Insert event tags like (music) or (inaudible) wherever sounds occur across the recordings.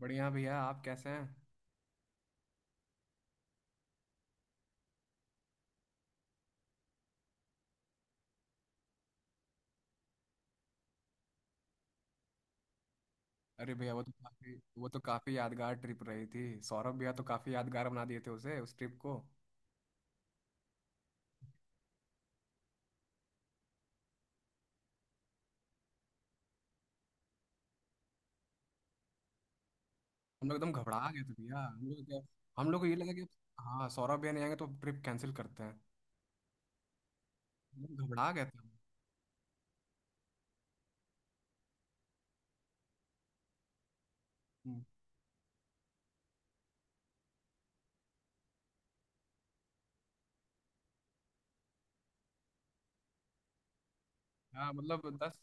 बढ़िया भैया। आप कैसे हैं? अरे भैया, वो तो काफी यादगार ट्रिप रही थी। सौरभ भैया तो काफी यादगार बना दिए थे उसे, उस ट्रिप को। हम लोग एकदम घबरा गए थे भैया। हम लोग क्या, हम लोग को ये लगा कि हाँ, सौरभ भैया नहीं आएंगे तो ट्रिप कैंसिल करते हैं। हम लोग घबरा गए थे। हम्म। हाँ, मतलब दस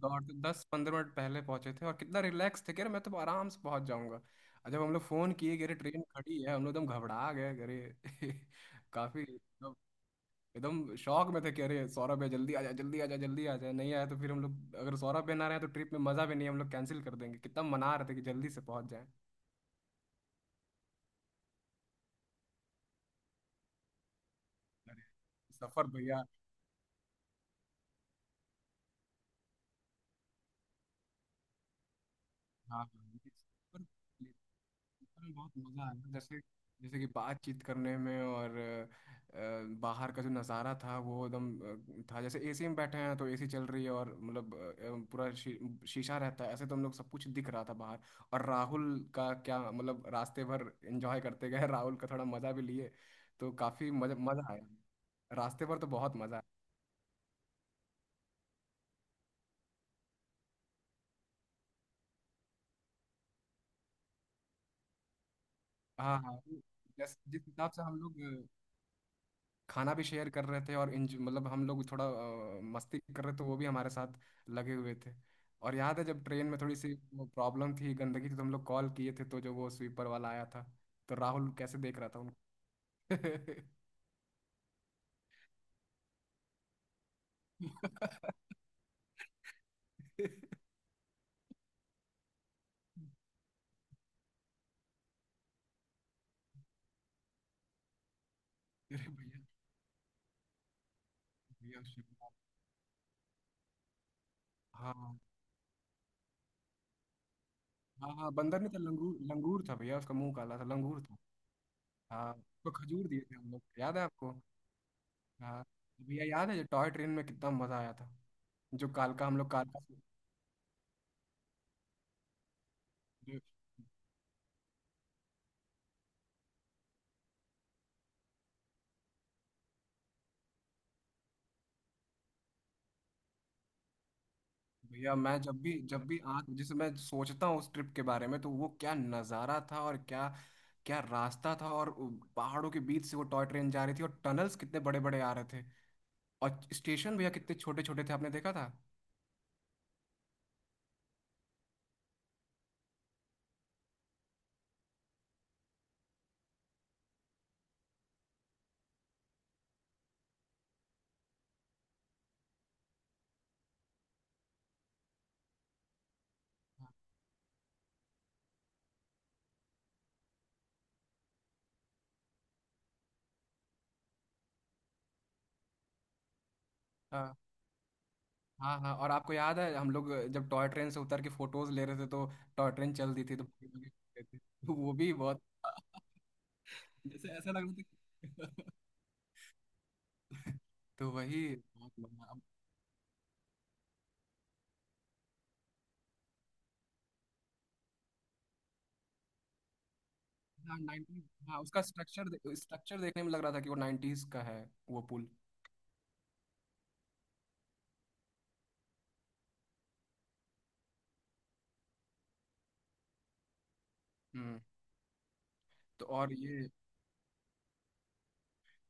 दौड़ दस पंद्रह मिनट पहले पहुंचे थे और कितना रिलैक्स थे कि अरे मैं तो आराम से पहुंच जाऊंगा। और जब हम लोग फोन किए कि अरे ट्रेन खड़ी है, हम लोग एकदम घबरा गए कि अरे (laughs) काफी एकदम शौक में थे। कह रहे सौरभ है जल्दी आ जा, जल्दी आ जा, जल्दी आ जा। नहीं आया तो फिर हम लोग, अगर सौरभ भी ना रहे तो ट्रिप में मजा भी नहीं, हम लोग कैंसिल कर देंगे। कितना मना रहे थे कि जल्दी से पहुंच जाए। सफर भैया, हाँ हाँ, ये सफर अरे बहुत मजा आया। जैसे, जैसे कि बातचीत करने में और बाहर का जो नज़ारा था वो एकदम था। जैसे एसी में बैठे हैं तो एसी चल रही है और मतलब पूरा शीशा रहता है ऐसे, तो हम लोग सब कुछ दिख रहा था बाहर। और राहुल का क्या मतलब, रास्ते भर एंजॉय करते गए (laughs) राहुल का थोड़ा मज़ा भी लिए। तो काफ़ी मज़ा मज़ा आया। रास्ते भर तो बहुत मज़ा आया। हाँ हाँ, जैसे जिस हिसाब से हम लोग खाना भी शेयर कर रहे थे और इंज मतलब हम लोग थोड़ा मस्ती कर रहे थे, वो भी हमारे साथ लगे हुए थे। और याद है जब ट्रेन में थोड़ी सी प्रॉब्लम थी, गंदगी थी, तो हम लोग कॉल किए थे तो जो वो स्वीपर वाला आया था, तो राहुल कैसे देख रहा था उनको। (laughs) अरे भैया, भैया शिवराम। हाँ हाँ। हाँ, बंदर नहीं था, लंगूर, लंगूर था भैया। उसका मुंह काला था, लंगूर था। हाँ, उसको खजूर दिए थे हम लोग, याद है आपको? हाँ। भैया, याद है जो टॉय ट्रेन में कितना मजा आया था, जो कालका हम लोग कालका से। भैया मैं जब भी आँख जैसे मैं सोचता हूँ उस ट्रिप के बारे में, तो वो क्या नज़ारा था और क्या, क्या रास्ता था। और पहाड़ों के बीच से वो टॉय ट्रेन जा रही थी, और टनल्स कितने बड़े बड़े आ रहे थे। और स्टेशन भैया, कितने छोटे छोटे थे, आपने देखा था? हाँ हाँ। हाँ, और आपको याद है हम लोग जब टॉय ट्रेन से उतर के फोटोज ले रहे थे, तो टॉय ट्रेन चल रही थी तो भागे भागे (laughs) ले थे। तो वो भी बहुत (laughs) जैसे ऐसा लग रहा था कि- (laughs) तो वही बहुत मजा। हाँ, 90s। हाँ, उसका स्ट्रक्चर स्ट्रक्चर देखने में लग रहा था कि वो 90s का है, वो पुल। हम्म। तो और ये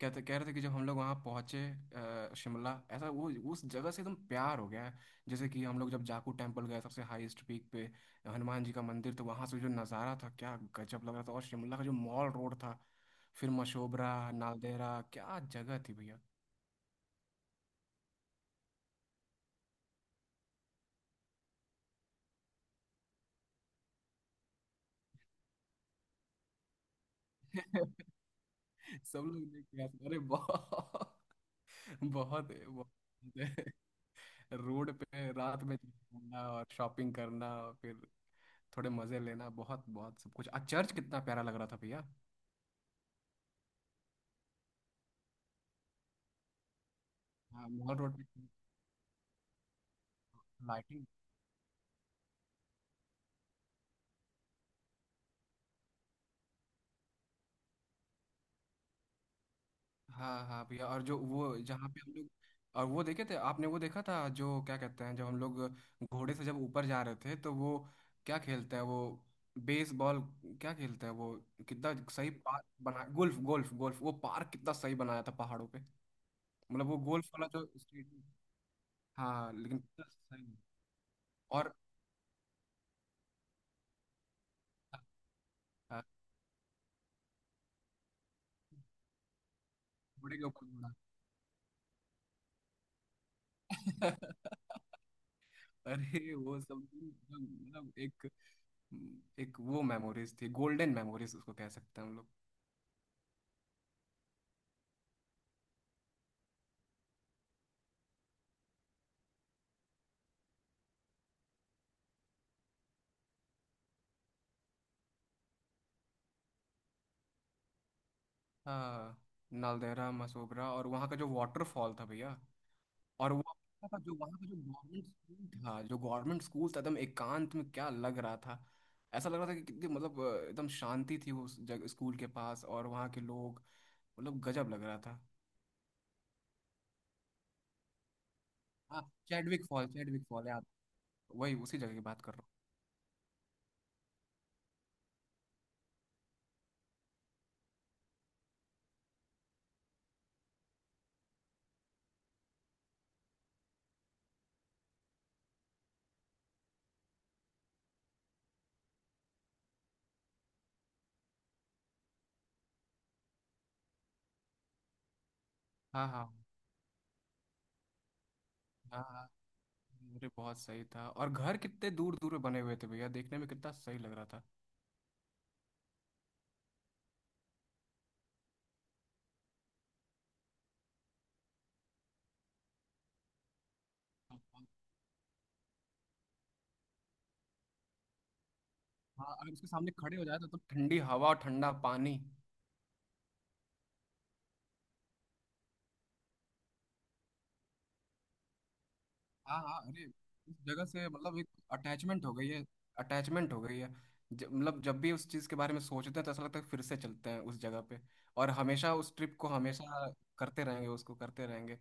कहते कह रहे थे कि जब हम लोग वहाँ पहुँचे, शिमला ऐसा वो, उस जगह से एकदम प्यार हो गया है। जैसे कि हम लोग जब जाकू टेम्पल गए, सबसे हाईएस्ट पीक पे हनुमान जी का मंदिर, तो वहाँ से जो नज़ारा था क्या गजब लग रहा था। और शिमला का जो मॉल रोड था, फिर मशोबरा, नालदेहरा, क्या जगह थी भैया। (laughs) सब लोग देख के आए थे, अरे बहुत, बहुत, बहुत रोड पे रात में घूमना और शॉपिंग करना और फिर थोड़े मजे लेना, बहुत बहुत सब कुछ। आ, चर्च कितना प्यारा लग रहा था भैया। हाँ, मॉल रोड पे लाइटिंग। हाँ हाँ भैया। और जो वो जहाँ पे हम लोग, और वो देखे थे आपने, वो देखा था जो क्या कहते हैं, जब हम लोग घोड़े से जब ऊपर जा रहे थे, तो वो क्या खेलते हैं वो, बेसबॉल, क्या खेलते हैं वो, कितना सही पार्क बना, गोल्फ गोल्फ गोल्फ, वो पार्क कितना सही बनाया था पहाड़ों पे। मतलब वो गोल्फ वाला जो स्टेडियम, हाँ लेकिन कितना सही है। और हाँ, घोड़े के ऊपर घोड़ा। (laughs) अरे वो सब एकदम, मतलब एक, एक वो मेमोरीज थी, गोल्डन मेमोरीज उसको कह सकते हैं हम लोग। हाँ, नालदेहरा मसोबरा, और वहाँ का जो वाटरफॉल था भैया। और वो, वहाँ का जो, वहाँ का जो गवर्नमेंट स्कूल था, जो गवर्नमेंट स्कूल था एकदम एकांत में, क्या लग रहा था। ऐसा लग रहा था कि कितनी मतलब एकदम शांति थी उस जगह स्कूल के पास, और वहाँ के लोग, मतलब गजब लग रहा था। हाँ, चैडविक फॉल, चैडविक फॉल याद, वही उसी जगह की बात कर रहा हूँ। हाँ हाँ। हाँ हाँ। अरे बहुत सही था, और घर कितने दूर दूर में बने हुए थे भैया, देखने में कितना सही लग रहा था। हाँ, अगर उसके सामने खड़े हो जाए तो ठंडी हवा और ठंडा पानी। हाँ हाँ। अरे उस जगह से मतलब एक अटैचमेंट हो गई है, अटैचमेंट हो गई है। मतलब जब भी उस चीज़ के बारे में सोचते हैं तो ऐसा लगता है फिर से चलते हैं उस जगह पे। और हमेशा उस ट्रिप को हमेशा करते रहेंगे, उसको करते रहेंगे।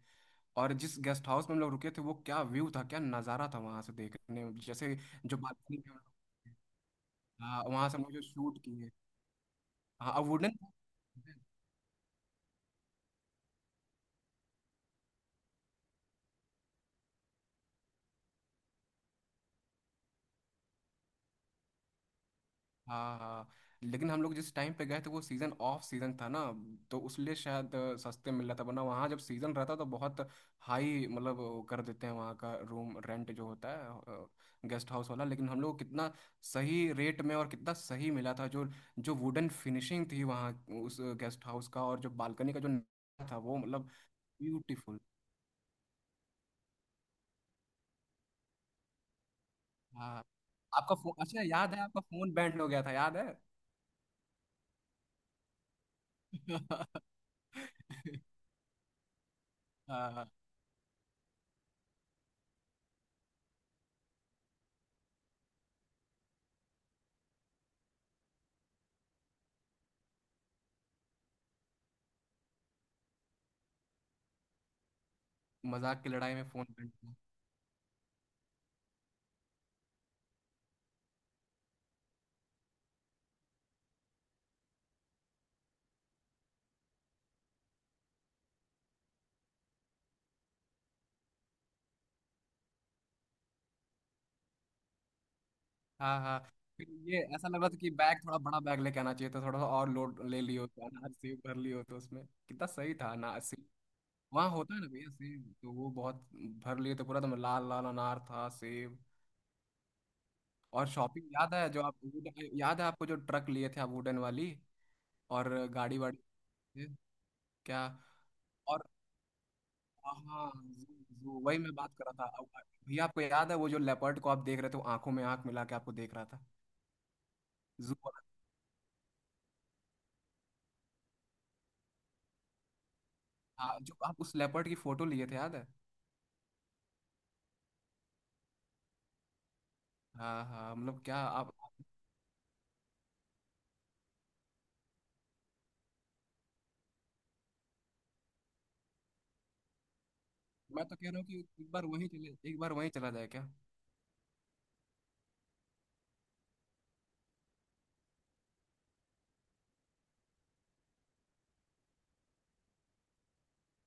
और जिस गेस्ट हाउस में हम लोग रुके थे, वो क्या व्यू था, क्या नज़ारा था वहां से देखने में, जैसे जो बालकनी में हम लोग। हाँ, वहाँ से हम लोग जो शूट किए। हाँ, अब वुडन। हाँ हाँ, लेकिन हम लोग जिस टाइम पे गए थे, वो सीज़न ऑफ सीज़न था ना, तो उसलिए शायद सस्ते मिल रहा था। वरना वहाँ जब सीज़न रहता तो बहुत हाई मतलब वो कर देते हैं वहाँ का रूम रेंट जो होता है गेस्ट हाउस वाला। लेकिन हम लोग को कितना सही रेट में और कितना सही मिला था, जो, जो वुडन फिनिशिंग थी वहाँ उस गेस्ट हाउस का, और जो बालकनी का जो नज़ारा था वो, मतलब ब्यूटीफुल। हाँ, आपका फोन, अच्छा याद है आपका फोन बैंड हो गया था, याद है? (laughs) हाँ, मजाक की लड़ाई में फोन करना। हाँ हाँ। फिर ये ऐसा लग रहा था कि बैग थोड़ा बड़ा बैग लेके आना चाहिए था, थोड़ा सा और लोड ले लियो, तो अनाज सेब भर लियो तो उसमें कितना सही था अनाज सेब। वहाँ होता है ना भैया, सेब तो वो बहुत भर लिए तो पूरा, तो लाल लाल अनार था, सेब। और शॉपिंग याद है, जो आप याद है आपको जो ट्रक लिए थे आप, वुडन वाली, और गाड़ी वाड़ी, ये क्या। और हाँ, वो, वही मैं बात कर रहा था अब। भैया, आपको याद है वो जो लेपर्ड को आप देख रहे थे, वो आंखों में आंख मिला के आपको देख रहा था, जू वाला- हाँ, जो आप उस लेपर्ड की फोटो लिए थे, याद है? हाँ हाँ, मतलब क्या आप। मैं तो कह रहा हूँ कि एक बार वहीं चले, एक बार वहीं चला जाए, क्या?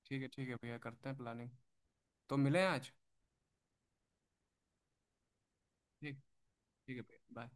ठीक है, ठीक है भैया, करते हैं प्लानिंग। तो मिले हैं आज? ठीक, ठीक है भैया, बाय।